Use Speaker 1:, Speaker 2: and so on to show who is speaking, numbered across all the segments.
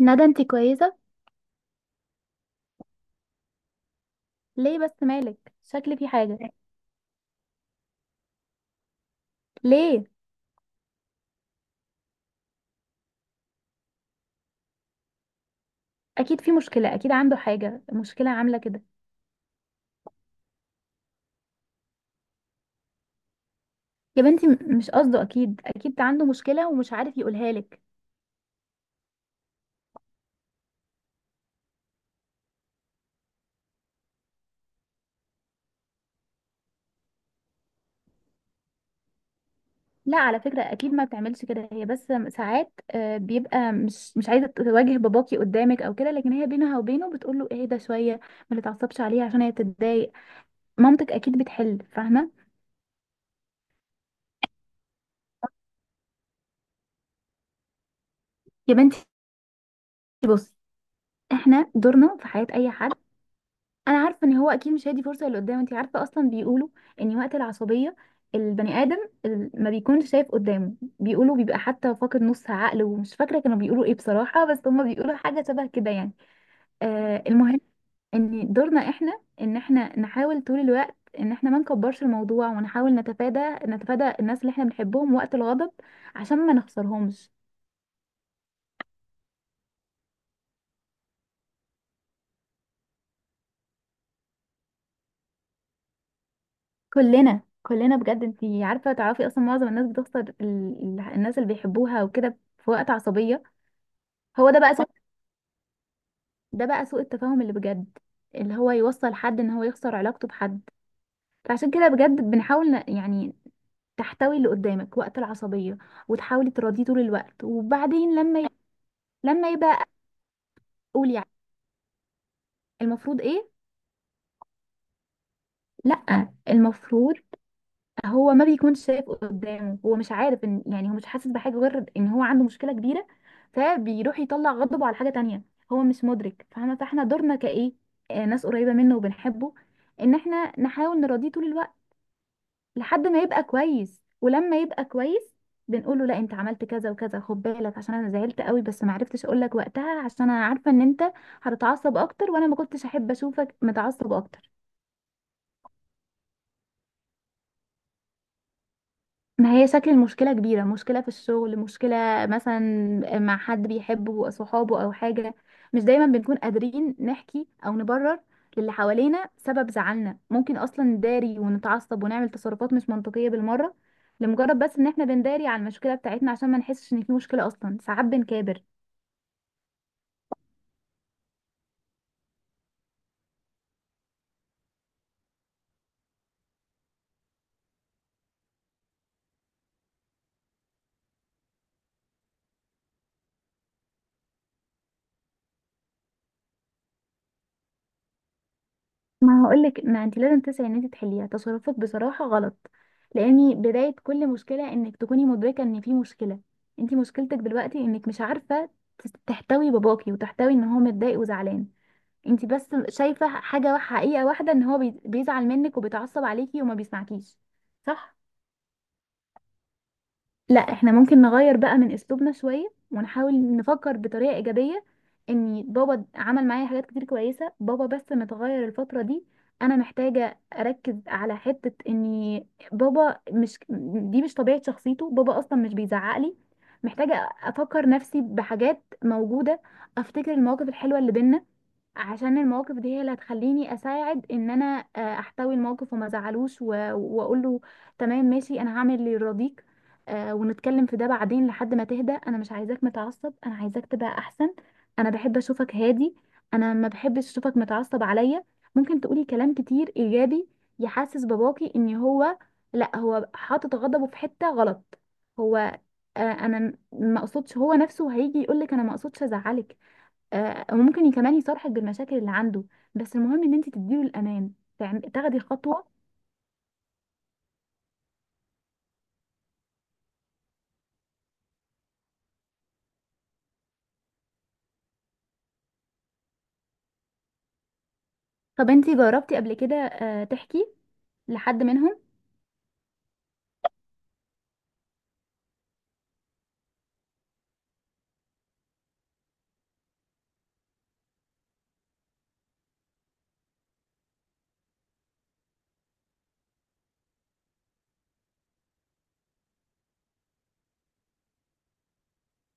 Speaker 1: ندى، انت كويسة؟ ليه بس؟ مالك، شكل في حاجة. ليه؟ اكيد في مشكلة، اكيد عنده حاجة، مشكلة عاملة كده. يا بنتي، مش قصده، اكيد اكيد عنده مشكلة ومش عارف يقولها لك. لا، على فكرة اكيد ما بتعملش كده هي، بس ساعات بيبقى مش عايزة تواجه باباكي قدامك او كده، لكن هي بينها وبينه بتقول له اهدى شوية. ما تتعصبش عليها عشان هي تتضايق. مامتك اكيد بتحل، فاهمة؟ يا بنتي. بصي، احنا دورنا في حياة اي حد. انا عارفه ان هو اكيد مش هيدي فرصه اللي قدامه. انت عارفه، اصلا بيقولوا ان وقت العصبيه البني ادم ما بيكونش شايف قدامه، بيقولوا بيبقى حتى فاقد نص عقله، ومش فاكره كانوا بيقولوا ايه بصراحه، بس هما بيقولوا حاجه شبه كده يعني. المهم، ان دورنا احنا ان احنا نحاول طول الوقت ان احنا ما نكبرش الموضوع، ونحاول نتفادى الناس اللي احنا بنحبهم وقت الغضب، عشان ما نخسرهمش. كلنا كلنا بجد، انت عارفه، تعرفي اصلا معظم الناس بتخسر الناس اللي بيحبوها وكده في وقت عصبيه. هو ده بقى سوء ده بقى سوء التفاهم اللي بجد، اللي هو يوصل حد ان هو يخسر علاقته بحد. فعشان كده بجد بنحاول يعني تحتوي اللي قدامك وقت العصبية، وتحاولي تراضيه طول الوقت. وبعدين لما يبقى، اقول يعني، المفروض ايه؟ لا، المفروض هو ما بيكونش شايف قدامه، هو مش عارف ان يعني هو مش حاسس بحاجة غير ان هو عنده مشكلة كبيرة، فبيروح يطلع غضبه على حاجة تانية. هو مش مدرك، فاهمة؟ فاحنا دورنا كايه، ناس قريبة منه وبنحبه، ان احنا نحاول نراضيه طول الوقت لحد ما يبقى كويس. ولما يبقى كويس بنقول له لا انت عملت كذا وكذا، خد بالك عشان انا زعلت قوي، بس ما عرفتش اقول لك وقتها عشان انا عارفه ان انت هتتعصب اكتر، وانا ما كنتش احب اشوفك متعصب اكتر. ما هي شكل المشكلة كبيرة، مشكلة في الشغل، مشكلة مثلا مع حد بيحبه، صحابه أو حاجة. مش دايما بنكون قادرين نحكي أو نبرر للي حوالينا سبب زعلنا، ممكن أصلا نداري ونتعصب ونعمل تصرفات مش منطقية بالمرة، لمجرد بس إن احنا بنداري على المشكلة بتاعتنا عشان ما نحسش إن في مشكلة، أصلا ساعات بنكابر. ما هقولك، ما انت لازم تسعي ان انت تحليها. تصرفك بصراحة غلط، لاني بداية كل مشكلة انك تكوني مدركة ان في مشكلة. انت مشكلتك دلوقتي انك مش عارفة تحتوي باباكي، وتحتوي ان هو متضايق وزعلان. انت بس شايفة حاجة حقيقة واحدة، ان هو بيزعل منك وبيتعصب عليكي وما بيسمعكيش، صح؟ لا، احنا ممكن نغير بقى من اسلوبنا شوية ونحاول نفكر بطريقة ايجابية، ان بابا عمل معايا حاجات كتير كويسة، بابا بس متغير الفترة دي. انا محتاجة اركز على حتة ان بابا مش دي مش طبيعة شخصيته، بابا اصلا مش بيزعق لي. محتاجة افكر نفسي بحاجات موجودة، افتكر المواقف الحلوة اللي بينا، عشان المواقف دي هي اللي هتخليني اساعد ان انا احتوي الموقف وما ازعلوش واقول له تمام ماشي انا هعمل اللي يرضيك. ونتكلم في ده بعدين لحد ما تهدى، انا مش عايزاك متعصب، انا عايزاك تبقى احسن. انا بحب اشوفك هادي، انا ما بحبش اشوفك متعصب عليا. ممكن تقولي كلام كتير ايجابي يحسس باباكي ان هو لا هو حاطط غضبه في حتة غلط. هو انا ما اقصدش، هو نفسه هيجي يقولك انا ما اقصدش ازعلك. وممكن كمان يصارحك بالمشاكل اللي عنده. بس المهم ان انت تديله الامان، تاخدي خطوه. طب انت جربتي قبل كده تحكي لحد منهم؟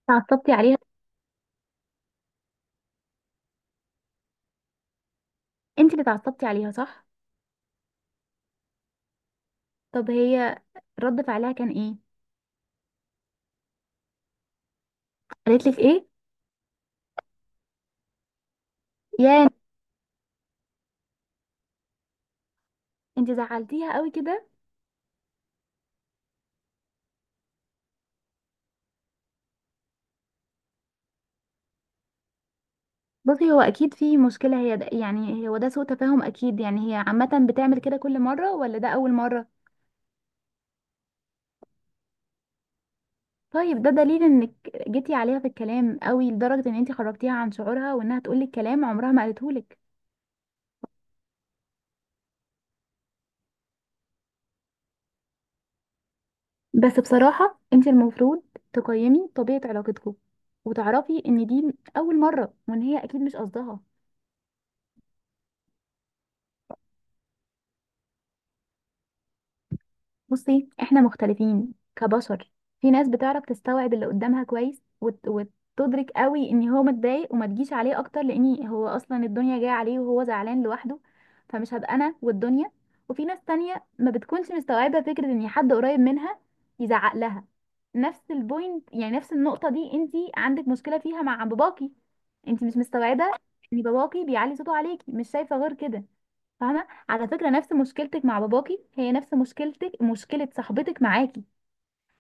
Speaker 1: تعصبتي عليها. انت اللي تعصبتي عليها، صح؟ طب هي رد فعلها كان ايه؟ قالت لك ايه؟ يا، انت زعلتيها قوي كده. بصي، هو اكيد في مشكله، هي ده يعني هو ده سوء تفاهم اكيد، يعني هي عامه بتعمل كده كل مره ولا ده اول مره؟ طيب ده دليل انك جيتي عليها في الكلام قوي لدرجه ان انت خرجتيها عن شعورها وانها تقولك كلام عمرها ما قالته لك. بس بصراحة انت المفروض تقيمي طبيعة علاقتكم، وتعرفي ان دي اول مرة وان هي اكيد مش قصدها. بصي، احنا مختلفين كبشر. في ناس بتعرف تستوعب اللي قدامها كويس وتدرك قوي ان هو متضايق وما تجيش عليه اكتر، لان هو اصلا الدنيا جايه عليه وهو زعلان لوحده، فمش هبقى انا والدنيا. وفي ناس تانية ما بتكونش مستوعبة فكرة ان حد قريب منها يزعق لها. نفس البوينت يعني، نفس النقطة دي انتي عندك مشكلة فيها مع باباكي. انتي مش مستوعبة ان باباكي بيعلي صوته عليكي، مش شايفة غير كده. فاهمه؟ على فكره نفس مشكلتك مع باباكي هي نفس مشكلتك مشكله صاحبتك معاكي.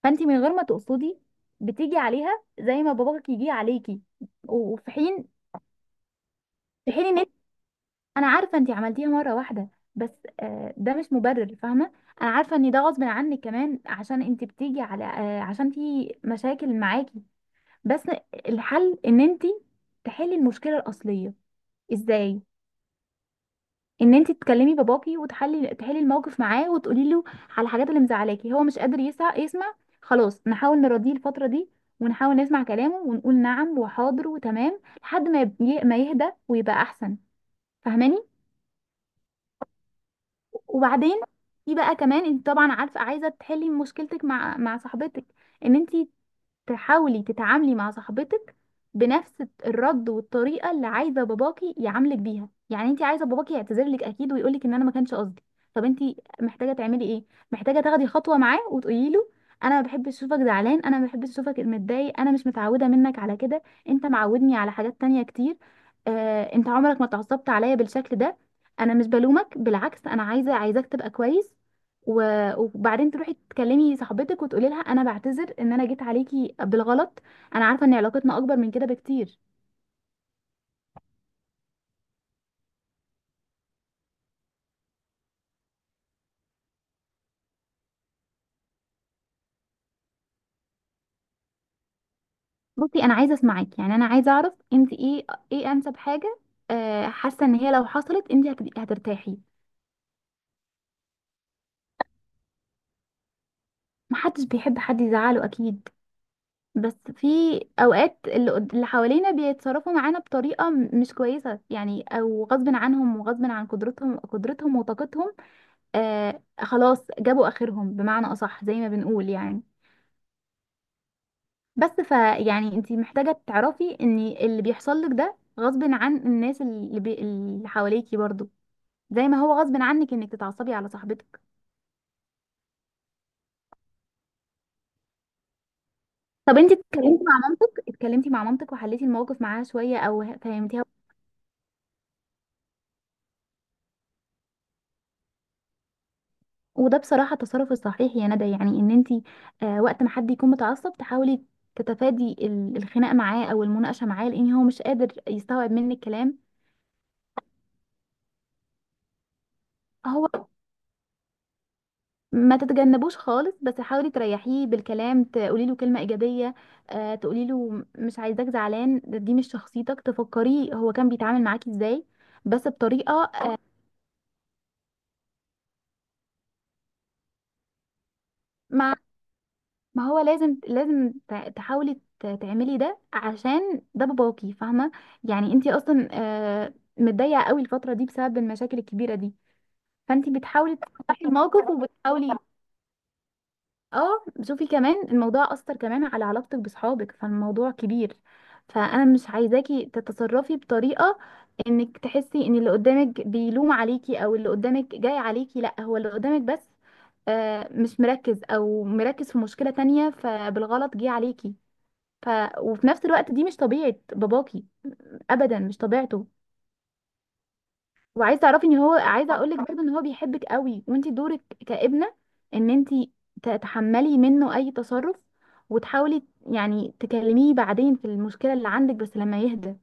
Speaker 1: فانت من غير ما تقصدي بتيجي عليها زي ما باباك يجي عليكي. وفي حين في حين ان انت- انا عارفه انت عملتيها مره واحده، بس ده مش مبرر، فاهمه؟ انا عارفه ان ده غصب عنك كمان عشان انت بتيجي على، عشان في مشاكل معاكي. بس الحل ان انت تحلي المشكله الاصليه. ازاي؟ ان انت تكلمي باباكي وتحلي الموقف معاه وتقولي له على الحاجات اللي مزعلاكي. هو مش قادر يسمع. خلاص نحاول نراضيه الفتره دي، ونحاول نسمع كلامه ونقول نعم وحاضر وتمام لحد ما ما يهدى ويبقى احسن. فاهماني؟ وبعدين في بقى كمان انت طبعا عارفه عايزه تحلي مشكلتك مع صاحبتك، ان انت تحاولي تتعاملي مع صاحبتك بنفس الرد والطريقه اللي عايزه باباكي يعاملك بيها. يعني انت عايزه باباكي يعتذر لك اكيد ويقول لك ان انا ما كانش قصدي. طب انت محتاجه تعملي ايه؟ محتاجه تاخدي خطوه معاه وتقولي له انا ما بحبش اشوفك زعلان، انا ما بحبش اشوفك متضايق، انا مش متعوده منك على كده. انت معودني على حاجات تانية كتير. انت عمرك ما اتعصبت عليا بالشكل ده. انا مش بلومك، بالعكس انا عايزاك تبقى كويس. وبعدين تروحي تكلمي صاحبتك وتقولي لها انا بعتذر ان انا جيت عليكي بالغلط، انا عارفه ان علاقتنا اكبر من كده بكتير. بصي، انا عايزه اسمعك، يعني انا عايزه اعرف انت ايه ايه انسب حاجه، حاسه ان هي لو حصلت انت هترتاحي. محدش بيحب حد يزعله اكيد. بس في اوقات اللي حوالينا بيتصرفوا معانا بطريقه مش كويسه، يعني او غصب عنهم وغصب عن قدرتهم وطاقتهم. خلاص جابوا اخرهم بمعنى اصح زي ما بنقول يعني. بس فيعني انت محتاجة تعرفي ان اللي بيحصل لك ده غصب عن الناس اللي حواليكي برضو، زي ما هو غصب عنك انك تتعصبي على صاحبتك. طب انت اتكلمتي مع مامتك وحليتي الموقف معاها شوية، او فهمتيها؟ وده بصراحة التصرف الصحيح يا ندى، يعني ان انت وقت ما حد يكون متعصب تحاولي تتفادي الخناق معاه او المناقشة معاه، لان هو مش قادر يستوعب منك كلام. هو ما تتجنبوش خالص، بس حاولي تريحيه بالكلام، تقولي له كلمة إيجابية. تقولي له مش عايزاك زعلان، دي مش شخصيتك، تفكريه هو كان بيتعامل معاكي إزاي، بس بطريقة. ما ما هو لازم لازم تحاولي تعملي ده عشان ده باباكي، فاهمة؟ يعني انتي أصلا متضايقة قوي الفترة دي بسبب المشاكل الكبيرة دي، فانتي بتحاولي تصلحي الموقف وبتحاولي. اه، شوفي كمان الموضوع اثر كمان على علاقتك بصحابك، فالموضوع كبير. فانا مش عايزاكي تتصرفي بطريقه انك تحسي ان اللي قدامك بيلوم عليكي او اللي قدامك جاي عليكي، لا هو اللي قدامك بس مش مركز او مركز في مشكله تانية، فبالغلط جه عليكي. ف... وفي نفس الوقت دي مش طبيعه باباكي، ابدا مش طبيعته. وعايزه تعرفي ان هو، عايزه اقول لك برضه ان هو بيحبك قوي، وانت دورك كابنه ان انت تتحملي منه اي تصرف، وتحاولي يعني تكلميه بعدين في المشكله اللي عندك بس لما يهدى.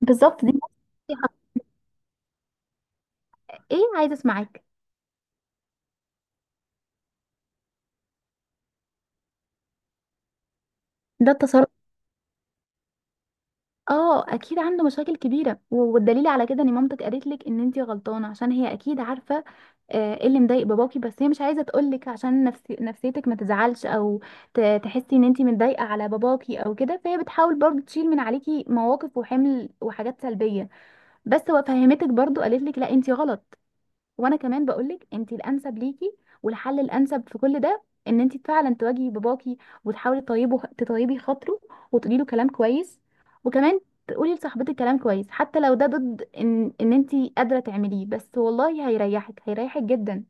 Speaker 1: بالظبط، دي نصيحة. ايه؟ عايزه اسمعك. ده التصرف. اه، اكيد عنده مشاكل كبيره، والدليل على كده ان مامتك قالت لك ان انتي غلطانه عشان هي اكيد عارفه ايه اللي مضايق باباكي، بس هي مش عايزه تقول لك عشان نفسيتك ما تزعلش، او تحسي ان انتي متضايقه على باباكي او كده، فهي بتحاول برضو تشيل من عليكي مواقف وحمل وحاجات سلبيه. بس هو فهمتك برضو قالت لك لا انتي غلط، وانا كمان بقولك انت الانسب ليكي. والحل الانسب في كل ده ان انت فعلا تواجهي باباكي، وتحاولي تطيبي خاطره وتقولي له كلام كويس. وكمان تقولي لصاحبتك كلام كويس حتى لو ده ضد ان انت قادره تعمليه، بس والله هيريحك جدا.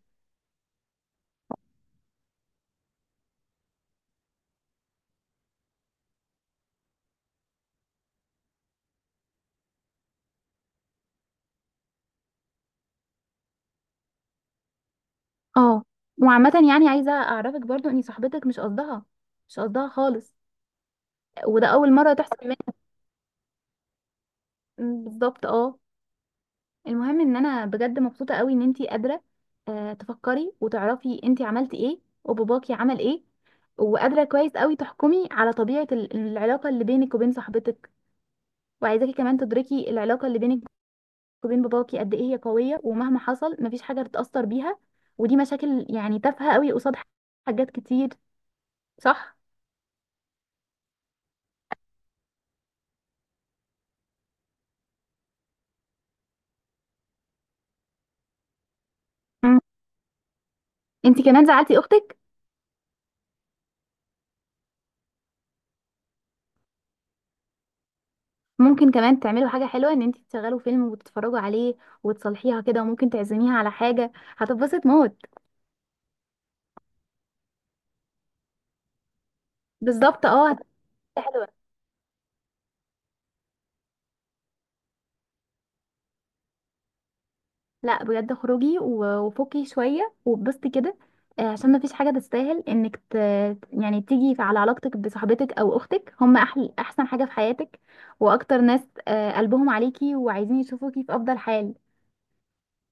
Speaker 1: اه، وعامه يعني عايزه اعرفك برضو ان صاحبتك مش قصدها، مش قصدها خالص، وده اول مره تحصل منها. بالظبط، اه. المهم ان انا بجد مبسوطه قوي ان انتي قادره تفكري وتعرفي انتي عملتي ايه وباباكي عمل ايه، وقادره كويس قوي تحكمي على طبيعه العلاقه اللي بينك وبين صاحبتك. وعايزاكي كمان تدركي العلاقه اللي بينك وبين باباكي قد ايه هي قويه، ومهما حصل مفيش حاجه تتاثر بيها. ودي مشاكل يعني تافهه قوي قصاد حاجات كتير، صح؟ مم. انتي كمان زعلتي اختك. ممكن كمان تعملوا حاجه حلوه، ان انتي تشغلوا فيلم وتتفرجوا عليه وتصلحيها كده، وممكن تعزميها على حاجه، هتتبسط موت. بالظبط، اه، هتبقى حلوه. لا بجد، خروجي وفكي شويه وبسطي كده. عشان ما فيش حاجه تستاهل انك يعني تيجي على علاقتك بصاحبتك او اختك، هم احسن حاجه في حياتك، واكتر ناس قلبهم عليكي وعايزين يشوفوكي في افضل حال،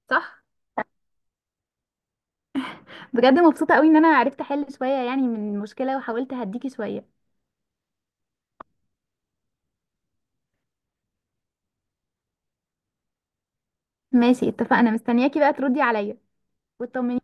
Speaker 1: صح؟ بجد مبسوطه قوي ان انا عرفت احل شويه يعني من المشكله وحاولت اهديكي شويه. ماشي، اتفقنا، مستنياكي بقى تردي عليا وتطمنيني.